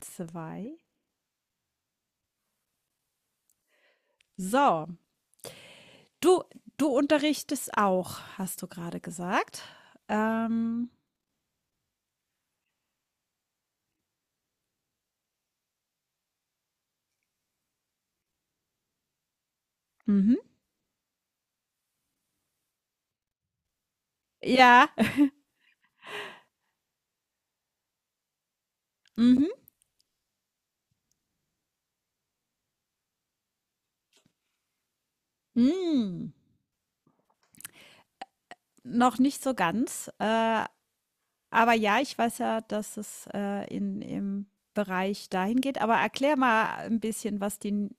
2. So, du, du unterrichtest auch, hast du gerade gesagt. Ähm, mhm. Ja, mhm. Mm. Noch nicht so ganz. Aber ja, ich weiß ja, dass es im Bereich dahin geht. Aber erklär mal ein bisschen,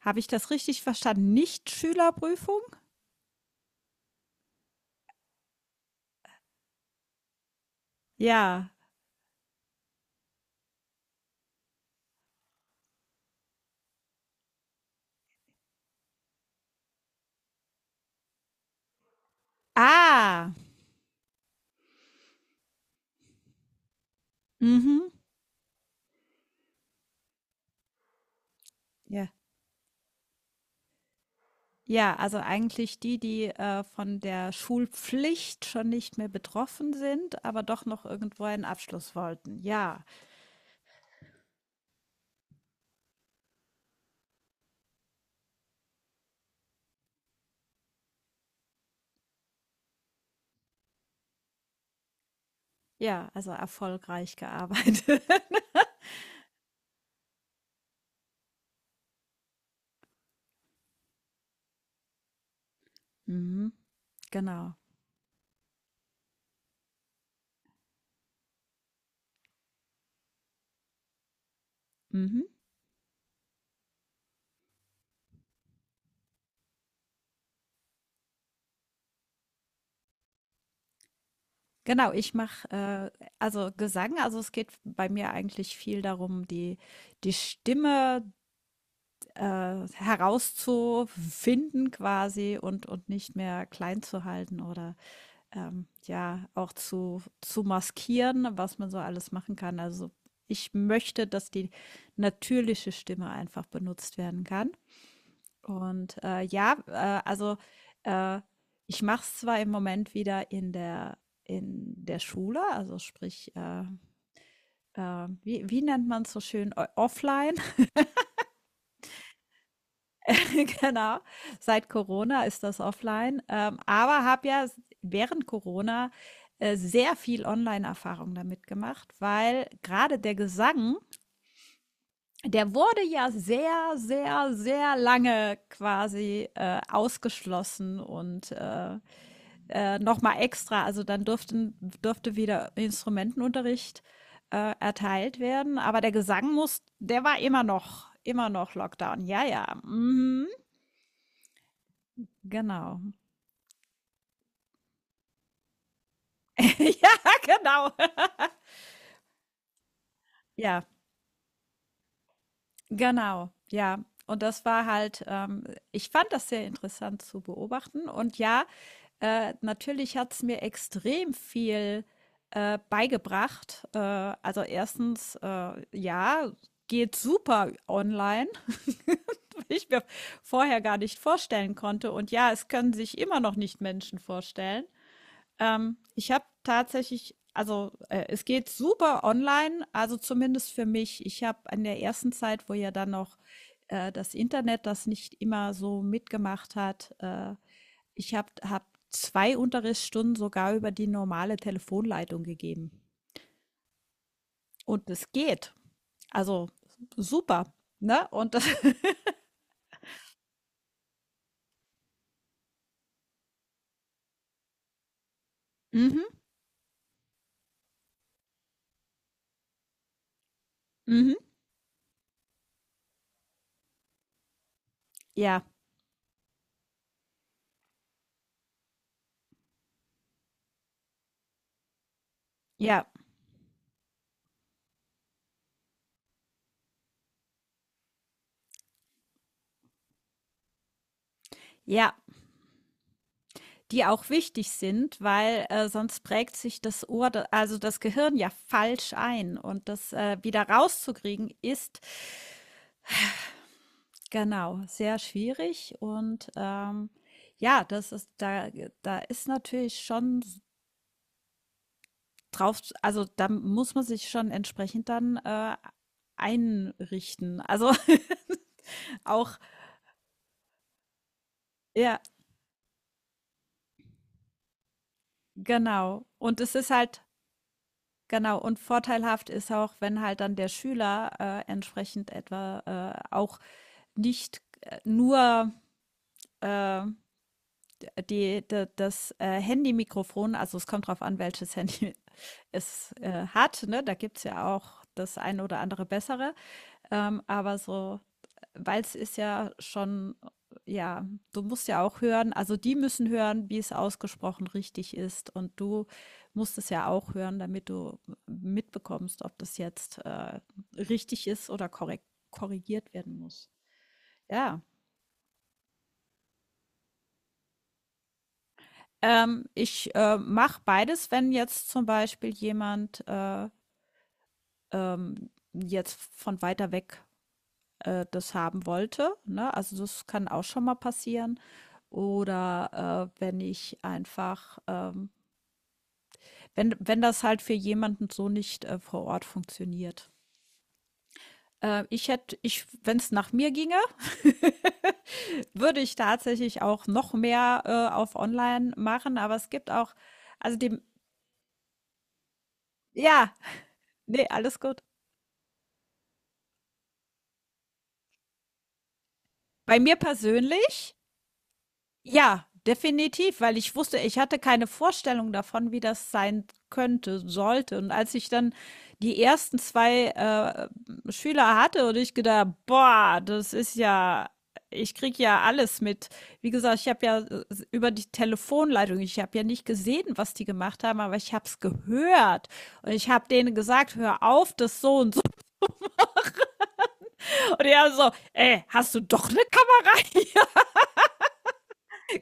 habe ich das richtig verstanden? Nicht-Schülerprüfung? Ja. Ah, mhm. Ja. Ja, also eigentlich die von der Schulpflicht schon nicht mehr betroffen sind, aber doch noch irgendwo einen Abschluss wollten. Ja, ja, also erfolgreich gearbeitet. Mhm, genau. Mhm. Genau, ich mache also Gesang, also es geht bei mir eigentlich viel darum, die Stimme herauszufinden quasi und nicht mehr klein zu halten oder ja, auch zu maskieren, was man so alles machen kann. Also ich möchte, dass die natürliche Stimme einfach benutzt werden kann. Und ja, also äh, ich mache es zwar im Moment wieder in der Schule, also sprich, wie nennt man es so schön, offline. Genau, seit Corona ist das offline, aber habe ja während Corona sehr viel Online-Erfahrung damit gemacht, weil gerade der Gesang, der wurde ja sehr, sehr, sehr lange quasi ausgeschlossen und nochmal extra, also durfte wieder Instrumentenunterricht erteilt werden, aber der war immer noch Lockdown. Ja, ja, mhm, genau. Ja, genau. Ja, genau. Ja. Und das war halt, ich fand das sehr interessant zu beobachten. Und ja, natürlich hat's mir extrem viel beigebracht. Also, erstens, ja, geht super online, was ich mir vorher gar nicht vorstellen konnte. Und ja, es können sich immer noch nicht Menschen vorstellen. Ich habe tatsächlich, also es geht super online, also zumindest für mich. Ich habe in der ersten Zeit, wo ja dann noch das Internet das nicht immer so mitgemacht hat, ich habe hab zwei Unterrichtsstunden sogar über die normale Telefonleitung gegeben. Und es geht. Also super, ne? Und das, mhm, mhm, ja, ja, ja. Die auch wichtig sind, weil sonst prägt sich das Ohr, da also das Gehirn, ja falsch ein und das wieder rauszukriegen ist genau, sehr schwierig und, ja, das ist da, ist natürlich schon drauf, also da muss man sich schon entsprechend dann einrichten. Also, auch ja, genau. Und es ist halt genau, und vorteilhaft ist auch, wenn halt dann der Schüler entsprechend etwa auch nicht nur äh, die d das, Handy-Mikrofon, also es kommt drauf an, welches Handy es hat, ne? Da gibt's ja auch das ein oder andere bessere. Aber so, weil es ist ja schon, ja, du musst ja auch hören, also die müssen hören, wie es ausgesprochen richtig ist. Und du musst es ja auch hören, damit du mitbekommst, ob das jetzt richtig ist oder korrekt, korrigiert werden muss. Ja. Ich mache beides, wenn jetzt zum Beispiel jemand ähm, jetzt von weiter weg das haben wollte. Ne? Also das kann auch schon mal passieren. Oder wenn ich einfach, wenn das halt für jemanden so nicht vor Ort funktioniert. Ich, wenn es nach mir ginge, würde ich tatsächlich auch noch mehr auf Online machen. Aber es gibt auch, also dem, ja, nee, alles gut. Bei mir persönlich, ja, definitiv, weil ich wusste, ich hatte keine Vorstellung davon, wie das sein könnte, sollte. Und als ich dann die ersten 2 Schüler hatte und ich gedacht: „Boah, das ist ja, ich krieg ja alles mit." Wie gesagt, ich habe ja über die Telefonleitung, ich habe ja nicht gesehen, was die gemacht haben, aber ich habe es gehört. Und ich habe denen gesagt: „Hör auf, das so und so." Und die alle so: „Ey, hast du doch 'ne Kamera hier?"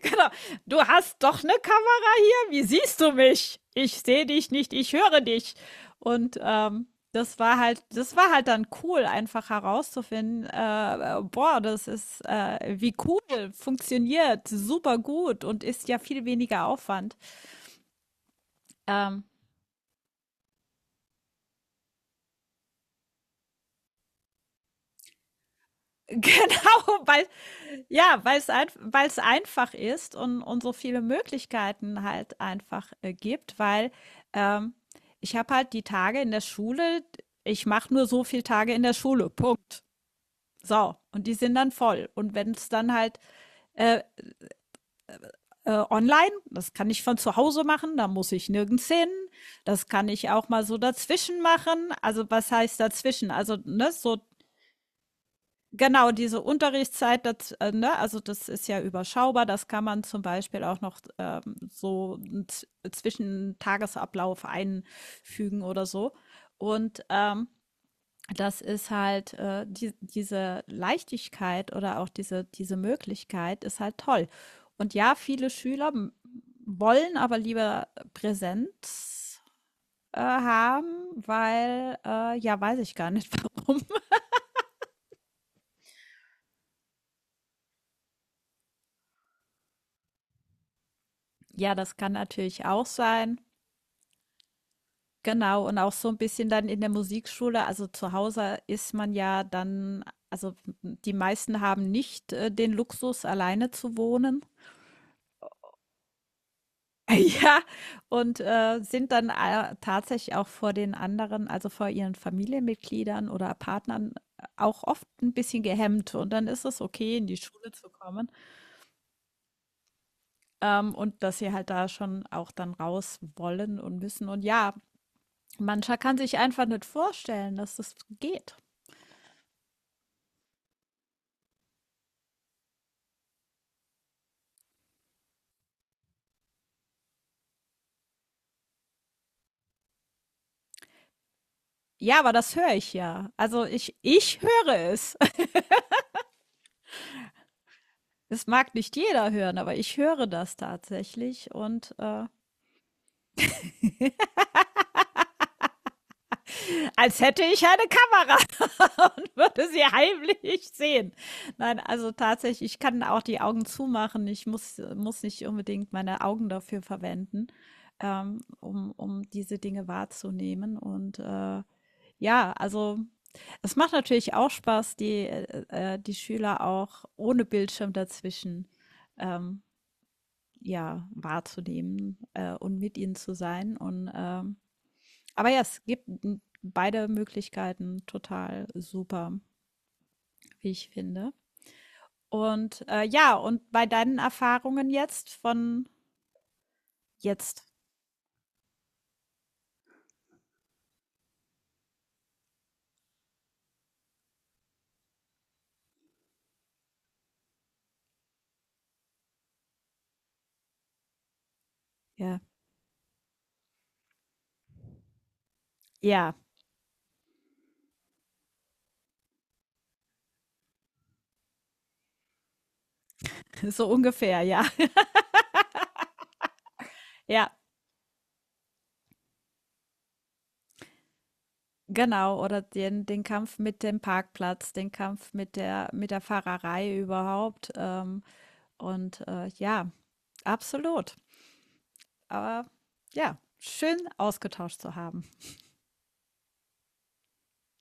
Genau. Du hast doch eine Kamera hier. Wie siehst du mich? Ich sehe dich nicht, ich höre dich. Und das war halt dann cool, einfach herauszufinden, boah, das ist wie cool, funktioniert super gut und ist ja viel weniger Aufwand. Ähm, genau, weil ja, weil es einfach ist und so viele Möglichkeiten halt einfach gibt, weil, ähm, ich habe halt die Tage in der Schule. Ich mache nur so viel Tage in der Schule, Punkt. So, und die sind dann voll. Und wenn es dann halt online, das kann ich von zu Hause machen, da muss ich nirgends hin. Das kann ich auch mal so dazwischen machen. Also, was heißt dazwischen? Also, ne, so genau, diese Unterrichtszeit, das ne, also das ist ja überschaubar. Das kann man zum Beispiel auch noch so zwischen Tagesablauf einfügen oder so. Und das ist halt diese Leichtigkeit oder auch diese Möglichkeit ist halt toll. Und ja, viele Schüler wollen aber lieber Präsenz haben, weil ja, weiß ich gar nicht, warum. Ja, das kann natürlich auch sein. Genau, und auch so ein bisschen dann in der Musikschule, also zu Hause ist man ja dann, also die meisten haben nicht den Luxus, alleine zu wohnen. Ja, und sind dann tatsächlich auch vor den anderen, also vor ihren Familienmitgliedern oder Partnern auch oft ein bisschen gehemmt. Und dann ist es okay, in die Schule zu kommen, und dass sie halt da schon auch dann raus wollen und müssen. Und ja, mancher kann sich einfach nicht vorstellen, dass das geht. Ja, aber das höre ich ja. Also, ich höre es. Es mag nicht jeder hören, aber ich höre das tatsächlich und als hätte ich eine Kamera und würde sie heimlich sehen. Nein, also tatsächlich, ich kann auch die Augen zumachen. Ich muss nicht unbedingt meine Augen dafür verwenden, um diese Dinge wahrzunehmen und ja, also es macht natürlich auch Spaß, die Schüler auch ohne Bildschirm dazwischen ähm, ja wahrzunehmen und mit ihnen zu sein. Und aber ja, es gibt beide Möglichkeiten total super, wie ich finde. Und ja, und bei deinen Erfahrungen jetzt von jetzt, ja, ja, so ungefähr, ja, ja, genau. Oder den Kampf mit dem Parkplatz, den Kampf mit der Fahrerei überhaupt. Und ja, absolut. Aber ja, schön ausgetauscht zu haben.